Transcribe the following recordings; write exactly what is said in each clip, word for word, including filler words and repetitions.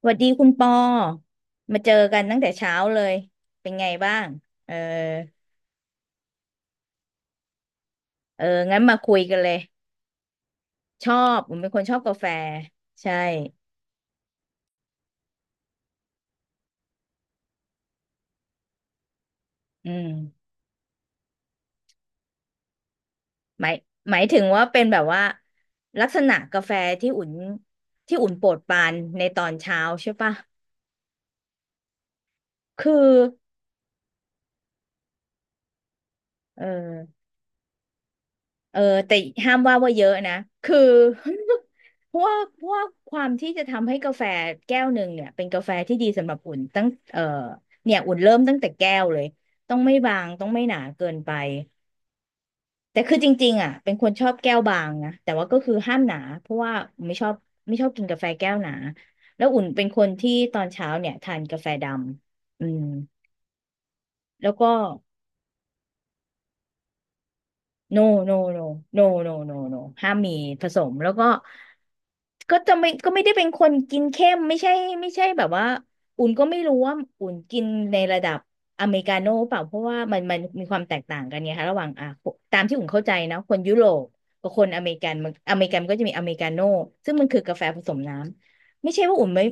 สวัสดีคุณปอมาเจอกันตั้งแต่เช้าเลย เป็นไงบ้างเออ เออ งั้นมาคุยกันเลย ชอบผมเป็นคนชอบกาแฟ ใช่ อืม หมายหมายถึงว่าเป็นแบบว่าลักษณะกาแฟที่อุ่น ที่อุ่นโปรดปรานในตอนเช้าใช่ปะคือ เออ เออแต่ห้ามว่าว่าเยอะนะคือ เพราะว่าเพราะว่าความที่จะทำให้กาแฟแก้วหนึ่งเนี่ยเป็นกาแฟที่ดีสำหรับอุ่นตั้งเออเนี่ยอุ่นเริ่มตั้งแต่แก้วเลยต้องไม่บางต้องไม่หนาเกินไปแต่คือจริงๆอ่ะเป็นคนชอบแก้วบางนะแต่ว่าก็คือห้ามหนาเพราะว่าไม่ชอบไม่ชอบกินกาแฟแก้วหนาแล้วอุ่นเป็นคนที่ตอนเช้าเนี่ยทานกาแฟดำอืมแล้วก็ no no no no no no no ห้ามมีผสมแล้วก็ก็จะไม่ก็ไม่ได้เป็นคนกินเข้มไม่ใช่ไม่ใช่แบบว่าอุ่นก็ไม่รู้ว่าอุ่นกินในระดับอเมริกาโน่เปล่าเพราะว่ามันมันมีความแตกต่างกันไงคะระหว่างอ่ะตามที่อุ่นเข้าใจนะคนยุโรปกับคนอเมริกันมันอเมริกันก็จะมีอเมริกาโน่ซึ่งมันคือกาแฟผสมน้ำไม่ใช่ว่าอุ่นไม่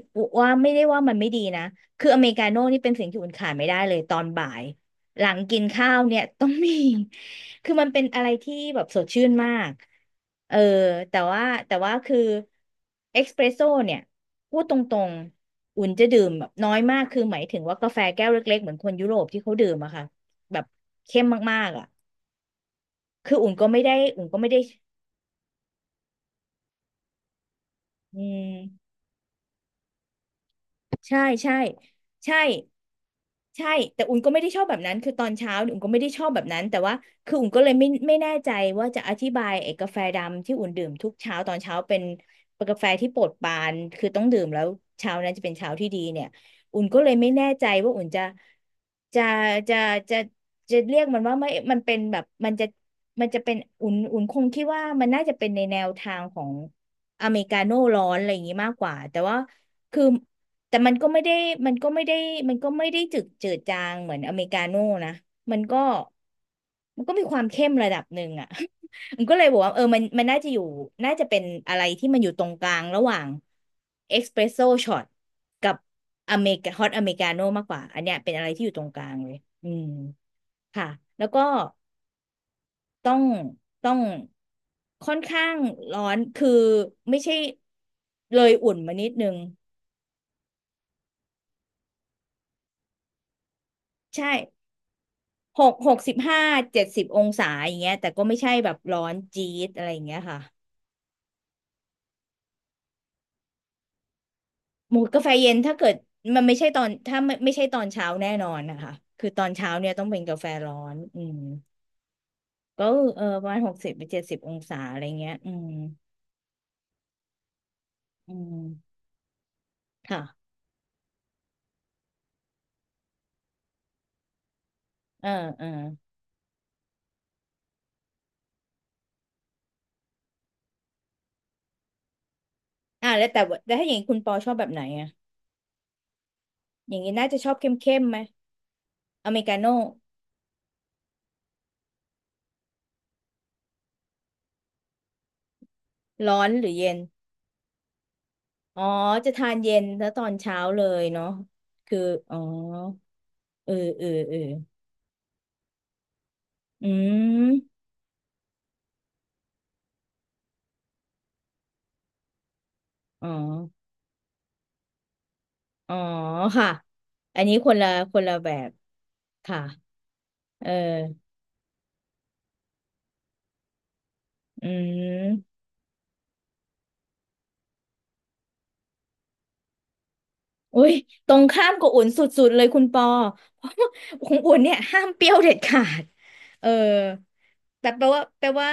ว่าไม่ได้ว่ามันไม่ดีนะคืออเมริกาโน่นี่เป็นสิ่งที่อุ่นขาดไม่ได้เลยตอนบ่าย หลังกินข้าวเนี่ย ต้องมี คือมันเป็นอะไรที่แบบสดชื่นมาก เออแต่ว่าแต่ว่าคือเอกซ์เพรสโซ่เนี่ยพูดตรงๆอุ่นจะดื่มแบบน้อยมากคือหมายถึงว่ากาแฟแก้วเล็กๆเหมือนคนยุโรปที่เขาดื่มอะค่ะแบบเข้มมากๆอะคืออุ่นก็ไม่ได้อุ่นก็ไม่ได้อืม ใช่ใช่ใช่ใช่แต่อุ่นก็ไม่ได้ชอบแบบนั้นคือตอนเช้าเนี่ยอุ่นก็ไม่ได้ชอบแบบนั้นแต่ว่าคืออุ่นก็เลยไม่ไม่แน่ใจว่าจะอธิบายไอ้กาแฟดำที่อุ่นดื่มทุกเช้าตอนเช้าเป็นกาแฟที่โปรดปรานคือต้องดื่มแล้วเช้านั้นจะเป็นเช้าที่ดีเนี่ยอุ่นก็เลยไม่แน่ใจว่าอุ่นจะจะจะจะจะเรียกมันว่าไม่มันเป็นแบบมันจะมันจะเป็นอุ่นอุ่นคงคิดว่ามันน่าจะเป็นในแนวทางของอเมริกาโน่ร้อนอะไรอย่างนี้มากกว่าแต่ว่าคือ แต่มันก็ไม่ได้มันก็ไม่ได้มันก็ไม่ได้จืดจืดจางเหมือนอเมริกาโน่นะมันก็มันก็มีความเข้มระดับหนึ่งอ่ะ มันก็เลยบอกว่าเออมันมันน่าจะอยู่น่าจะเป็นอะไรที่มันอยู่ตรงกลางระหว่างเอสเปรสโซช็อตกับอเมริกาฮอตอเมริกาโน่มากกว่าอันเนี้ยเป็นอะไรที่อยู่ตรงกลางเลยอืมค่ะแล้วก็ต้องต้องค่อนข้างร้อนคือไม่ใช่เลยอุ่นมานิดนึงใช่ หกหกสิบห้าเจ็ดสิบองศาอย่างเงี้ยแต่ก็ไม่ใช่แบบร้อนจี๊ดอะไรอย่างเงี้ยค่ะหมูกาแฟเย็นถ้าเกิดมันไม่ใช่ตอนถ้าไม่ไม่ใช่ตอนเช้าแน่นอนนะคะคือตอนเช้าเนี่ยต้องเป็นกาแฟร้อนอืมก็เออประมาณหกสิบไปเจ็ดสิบองศาอะไรเงี้ยอืมอืมค่ะเออเอออ่าแล้วแต่ว่าแล้วถ้าอย่างนี้คุณปอชอบแบบไหนอะอย่างนี้น่าจะชอบเข้มเข้มไหมอเมริกาโน่ร้อนหรือเย็นอ๋อจะทานเย็นแล้วตอนเช้าเลยเนาะคืออ๋อเออเออเออ อืม อ๋อ อ๋อ ค่ะ อันนี้คนละคนละแบบค่ะเอออืมอุ้ยตรงข้ามกับอุ่นสุดๆเลยคุณปอเพราะว่าของอุ่นเนี่ยห้ามเปรี้ยวเด็ดขาด เออแต่แปลว่าแปลว่า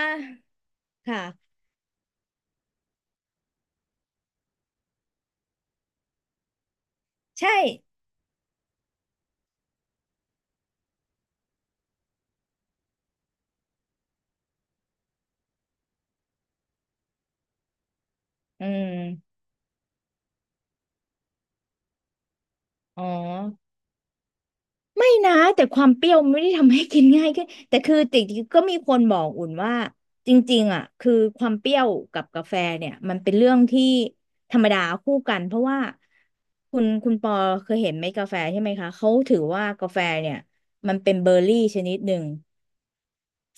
ค่ะ ใช่ อืม อ๋อ ไม่นะแต่ความเปรี้ยวไม่ได้ทำให้กินง่ายขึ้นแต่คือจริงๆก็มีคนบอกอุ่นว่าจริงๆอ่ะคือความเปรี้ยวกับกาแฟเนี่ยมันเป็นเรื่องที่ธรรมดาคู่กันเพราะว่าคุณคุณปอเคยเห็นไหมกาแฟใช่ไหมคะเขาถือว่ากาแฟเนี่ยมันเป็นเบอร์รี่ชนิดหนึ่ง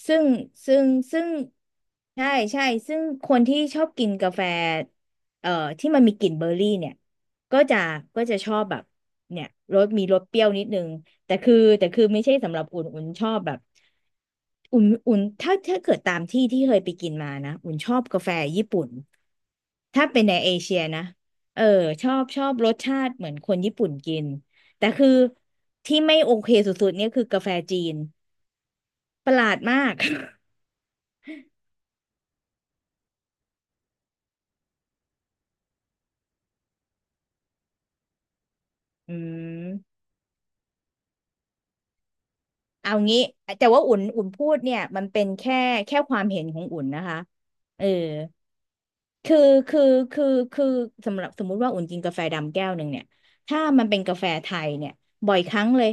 ซึ่งซึ่งซึ่งใช่ใช่ซึ่งคนที่ชอบกินกาแฟเอ่อที่มันมีกลิ่นเบอร์รี่เนี่ยก็จะก็จะชอบแบบเนี่ยรสมีรสเปรี้ยวนิดนึงแต่คือแต่คือไม่ใช่สำหรับอุ่นอุ่นชอบแบบอุ่นอุ่นถ้าถ้าเกิดตามที่ที่เคยไปกินมานะอุ่นชอบกาแฟญี่ปุ่นถ้าเป็นในเอเชียนะเออชอบชอบรสชาติเหมือนคนญี่ปุ่นกินแต่คือที่ไม่โอเคสุดๆเนี่ยคือกาแฟจีนประหลาดมาก อืม เอางี้แต่ว่าอุ่นอุ่นพูดเนี่ยมันเป็นแค่แค่ความเห็นของอุ่นนะคะเออคือคือคือคือสำหรับสมมุติว่าอุ่นกินกาแฟดำแก้วหนึ่งเนี่ยถ้ามันเป็นกาแฟไทยเนี่ยบ่อยครั้งเลย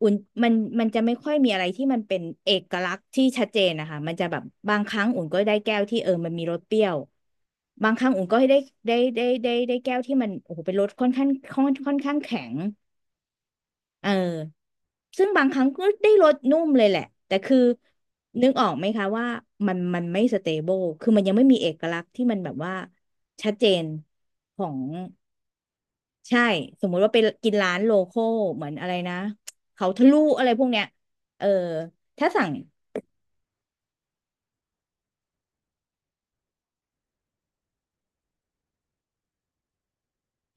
อุ่นมันมันจะไม่ค่อยมีอะไรที่มันเป็นเอกลักษณ์ที่ชัดเจนนะคะมันจะแบบบางครั้งอุ่นก็ได้แก้วที่เออมันมีรสเปรี้ยวบางครั้งอุ่นก็ได้ได้ได้ได้ได้แก้วที่มันโอ้โหเป็นรสค่อนข้างค่อนค่อนข้างแข็ง เออซึ่งบางครั้งก็ได้รสนุ่มเลยแหละแต่คือนึกออกไหมคะว่ามันมันไม่สเตเบิลคือมันยังไม่มีเอกลักษณ์ที่มันแบบว่าชัดเจนของใช่สมมุติว่าไปกินร้านโลคอลเหมือนอะไรนะเขาทะลุอะไรพวกเนี้ยเออถ้าสั่ง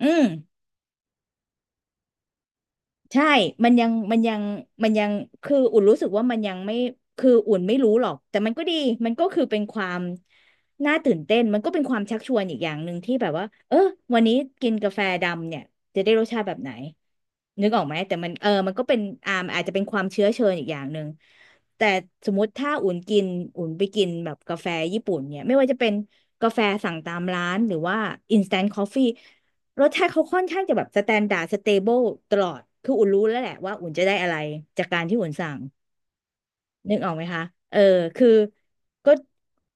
อืม ใช่ มันยังมันยังมันยัง คืออุ่นรู้สึกว่ามันยังไม่คืออุ่นไม่รู้หรอก แต่มันก็ดี มันก็คือเป็นความน่าตื่นเต้นมันก็เป็นความชักชวนอีกอย่างหนึ่งที่แบบว่าเออวันนี้กินกาแฟดำเนี่ยจะได้รสชาติแบบไหนนึกออกไหมแต่มันเออมันก็เป็นอ่าอาจจะเป็นความเชื้อเชิญอีกอย่างหนึ่งแต่สมมติถ้าอุ่นกินอุ่นไปกินแบบกาแฟญี่ปุ่นเนี่ยไม่ว่าจะเป็นกาแฟสั่งตามร้านหรือว่า instant coffee รสชาติเขาค่อนข้างจะแบบสแตนดาร์ดสเตเบิลตลอด คืออุ่นรู้แล้วแหละว่าอุ่นจะได้อะไรจากการที่อุ่นสั่งนึกออกไหมคะ เออคือก็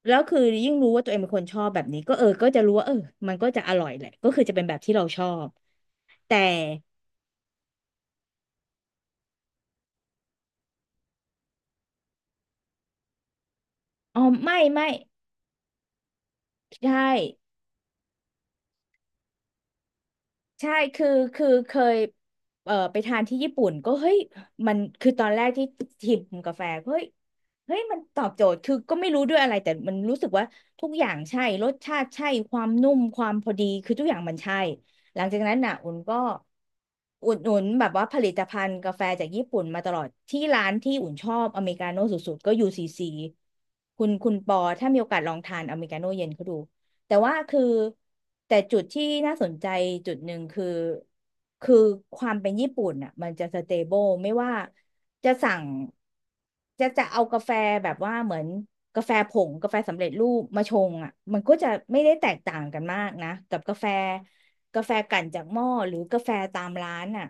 แล้วคือยิ่งรู้ว่าตัวเองเป็นคนชอบแบบนี้ก็เออก็จะรู้ว่าเออมันก็จะอร่อยแหละก็คือจะเป็นแบบที่เราชอบแต่อ๋อไม่ไม่ใช่ ใช่ คือคือเคยเอ่อไปทานที่ญี่ปุ่นก็เฮ้ยมันคือตอนแรกที่ชิมกาแฟเฮ้ยเฮ้ยมันตอบโจทย์คือก็ไม่รู้ด้วยอะไร แต่มันรู้สึกว่าทุกอย่างใช่ รสชาติใช่ ความนุ่ม ความพอดีคือทุกอย่างมันใช่ หลังจากนั้นน่ะอุ่นก็อุดหนุนแบบว่าผลิตภัณฑ์กาแฟจากญี่ปุ่นมาตลอด ที่ร้านที่อุ่นชอบอเมริกาโน่สุดๆก็ ยู ซี ซี คุณคุณปอถ้ามีโอกาสลองทานอเมริกาโน่เย็นเขาดู แต่ว่าคือแต่จุดที่น่าสนใจจุดหนึ่งคือคือความเป็นญี่ปุ่นอ่ะมันจะสเตเบิลไม่ว่าจะสั่งจะจะเอากาแฟแบบว่าเหมือนกาแฟผงกาแฟสำเร็จรูปมาชงอ่ะมันก็จะไม่ได้แตกต่างกันมากนะกับกาแฟกาแฟกลั่นจากหม้อหรือกาแฟตามร้านอ่ะ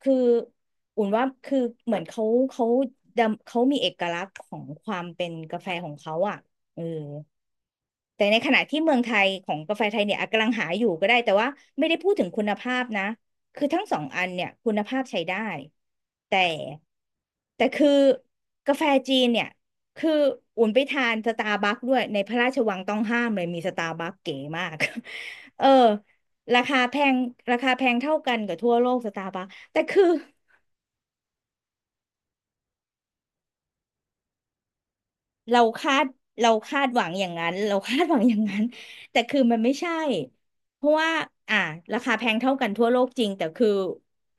คืออุ่นว่าคือเหมือนเขาเขาดำเขามีเอกลักษณ์ของความเป็นกาแฟของเขาอ่ะเออ แต่ในขณะที่เมืองไทยของกาแฟไทยเนี่ยอ่ะกำลังหาอยู่ก็ได้แต่ว่าไม่ได้พูดถึงคุณภาพนะคือทั้งสองอันเนี่ยคุณภาพใช้ได้แต่แต่คือกาแฟจีนเนี่ยคืออุ่นไปทานสตาร์บัคด้วยในพระราชวังต้องห้ามเลยมีสตาร์บัคเก๋มาก เออราคาแพงราคาแพงเท่ากันกับทั่วโลกสตาร์บัคแต่คือ เราคาดเราคาดหวังอย่างนั้นเราคาดหวังอย่างนั้นแต่คือมันไม่ใช่เพราะว่าอ่ะราคาแพงเท่ากันทั่วโลกจริงแต่คือ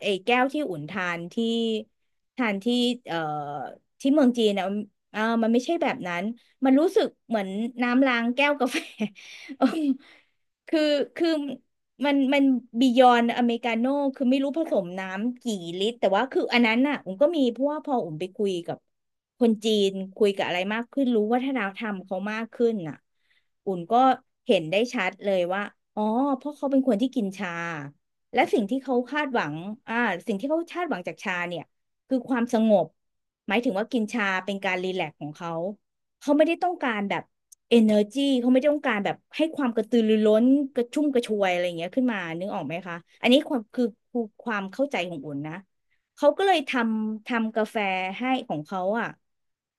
ไอ้แก้วที่อุ่นทานที่ทานที่เอ่อที่เมืองจีนนะมันเอ่ามันไม่ใช่แบบนั้นมันรู้สึกเหมือนน้ำล้างแก้วกาแฟ เออคือคือ มันมันบียอนอเมริกาโน่คือไม่รู้ผสมน้ำกี่ลิตรแต่ว่าคืออันนั้นน่ะผมก็มีเพราะว่าพอผมไปคุยกับคนจีนคุยกับอะไรมากขึ้นรู้วัฒนธรรมเขามากขึ้นน่ะอุ่นก็เห็นได้ชัดเลยว่าอ๋อเพราะเขาเป็นคนที่กินชาและสิ่งที่เขาคาดหวังอ่าสิ่งที่เขาคาดหวังจากชาเนี่ยคือความสงบหมายถึงว่ากินชาเป็นการรีแลกซ์ของเขา เขาไม่ได้ต้องการแบบ energy เขาไม่ได้ต้องการแบบให้ความกระตือรือร้นกระชุ่มกระชวยอะไรอย่างเงี้ยขึ้นมานึกออกไหมคะอันนี้ความคือคือความเข้าใจของอุ่นนะเขาก็เลยทำทำกาแฟให้ของเขาอะ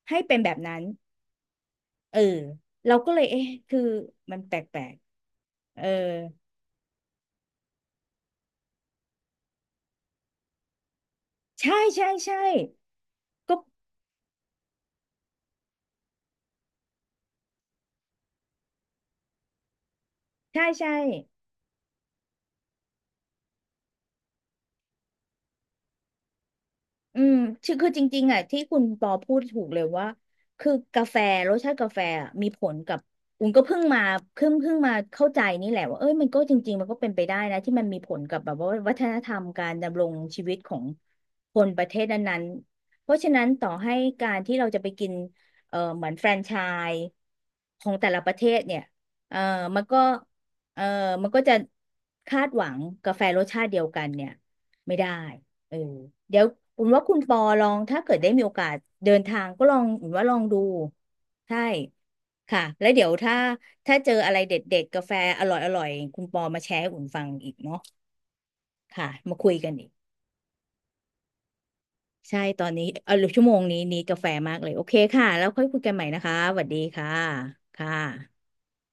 ให้เป็นแบบนั้นเออเราก็เลยเอ๊ะคือมันแปลกๆเออใช่ใช่ใช่ก็ใช่ใช่ อืมชื่อคือจริงๆอ่ะที่คุณปอพูดถูกเลยว่า คือกาแฟรสชาติกาแฟอะมีผลกับอุ่นก็เพิ่งมาเพิ่งเพิ่งมาเข้าใจนี่แหละว่าเอ้ยมันก็จริงๆมันก็เป็นไปได้นะที่มันมีผลกับแบบว่าวัฒนธรรมการดำรงชีวิตของคนประเทศนั้นๆเพราะฉะนั้นต่อให้การที่เราจะไปกินเอ่อเหมือนแฟรนไชส์ของแต่ละประเทศเนี่ยเอ่อมันก็เอ่อมันก็จะคาดหวังกาแฟรสชาติเดียวกันเนี่ยไม่ได้ เออเดี๋ยวอุ่นว่าคุณปอลองถ้าเกิดได้มีโอกาสเดินทางก็ลองอุ่นว่าลองดูใช่ค่ะแล้วเดี๋ยวถ้าถ้าเจออะไรเด็ดๆกาแฟอร่อยๆคุณปอมาแชร์ให้อุ่นฟังอีกเนาะค่ะมาคุยกันอีกใช่ตอนนี้เออชั่วโมงนี้นี้กาแฟมากเลยโอเคค่ะแล้วค่อยคุยกันใหม่นะคะสวัสดีค่ะค่ะ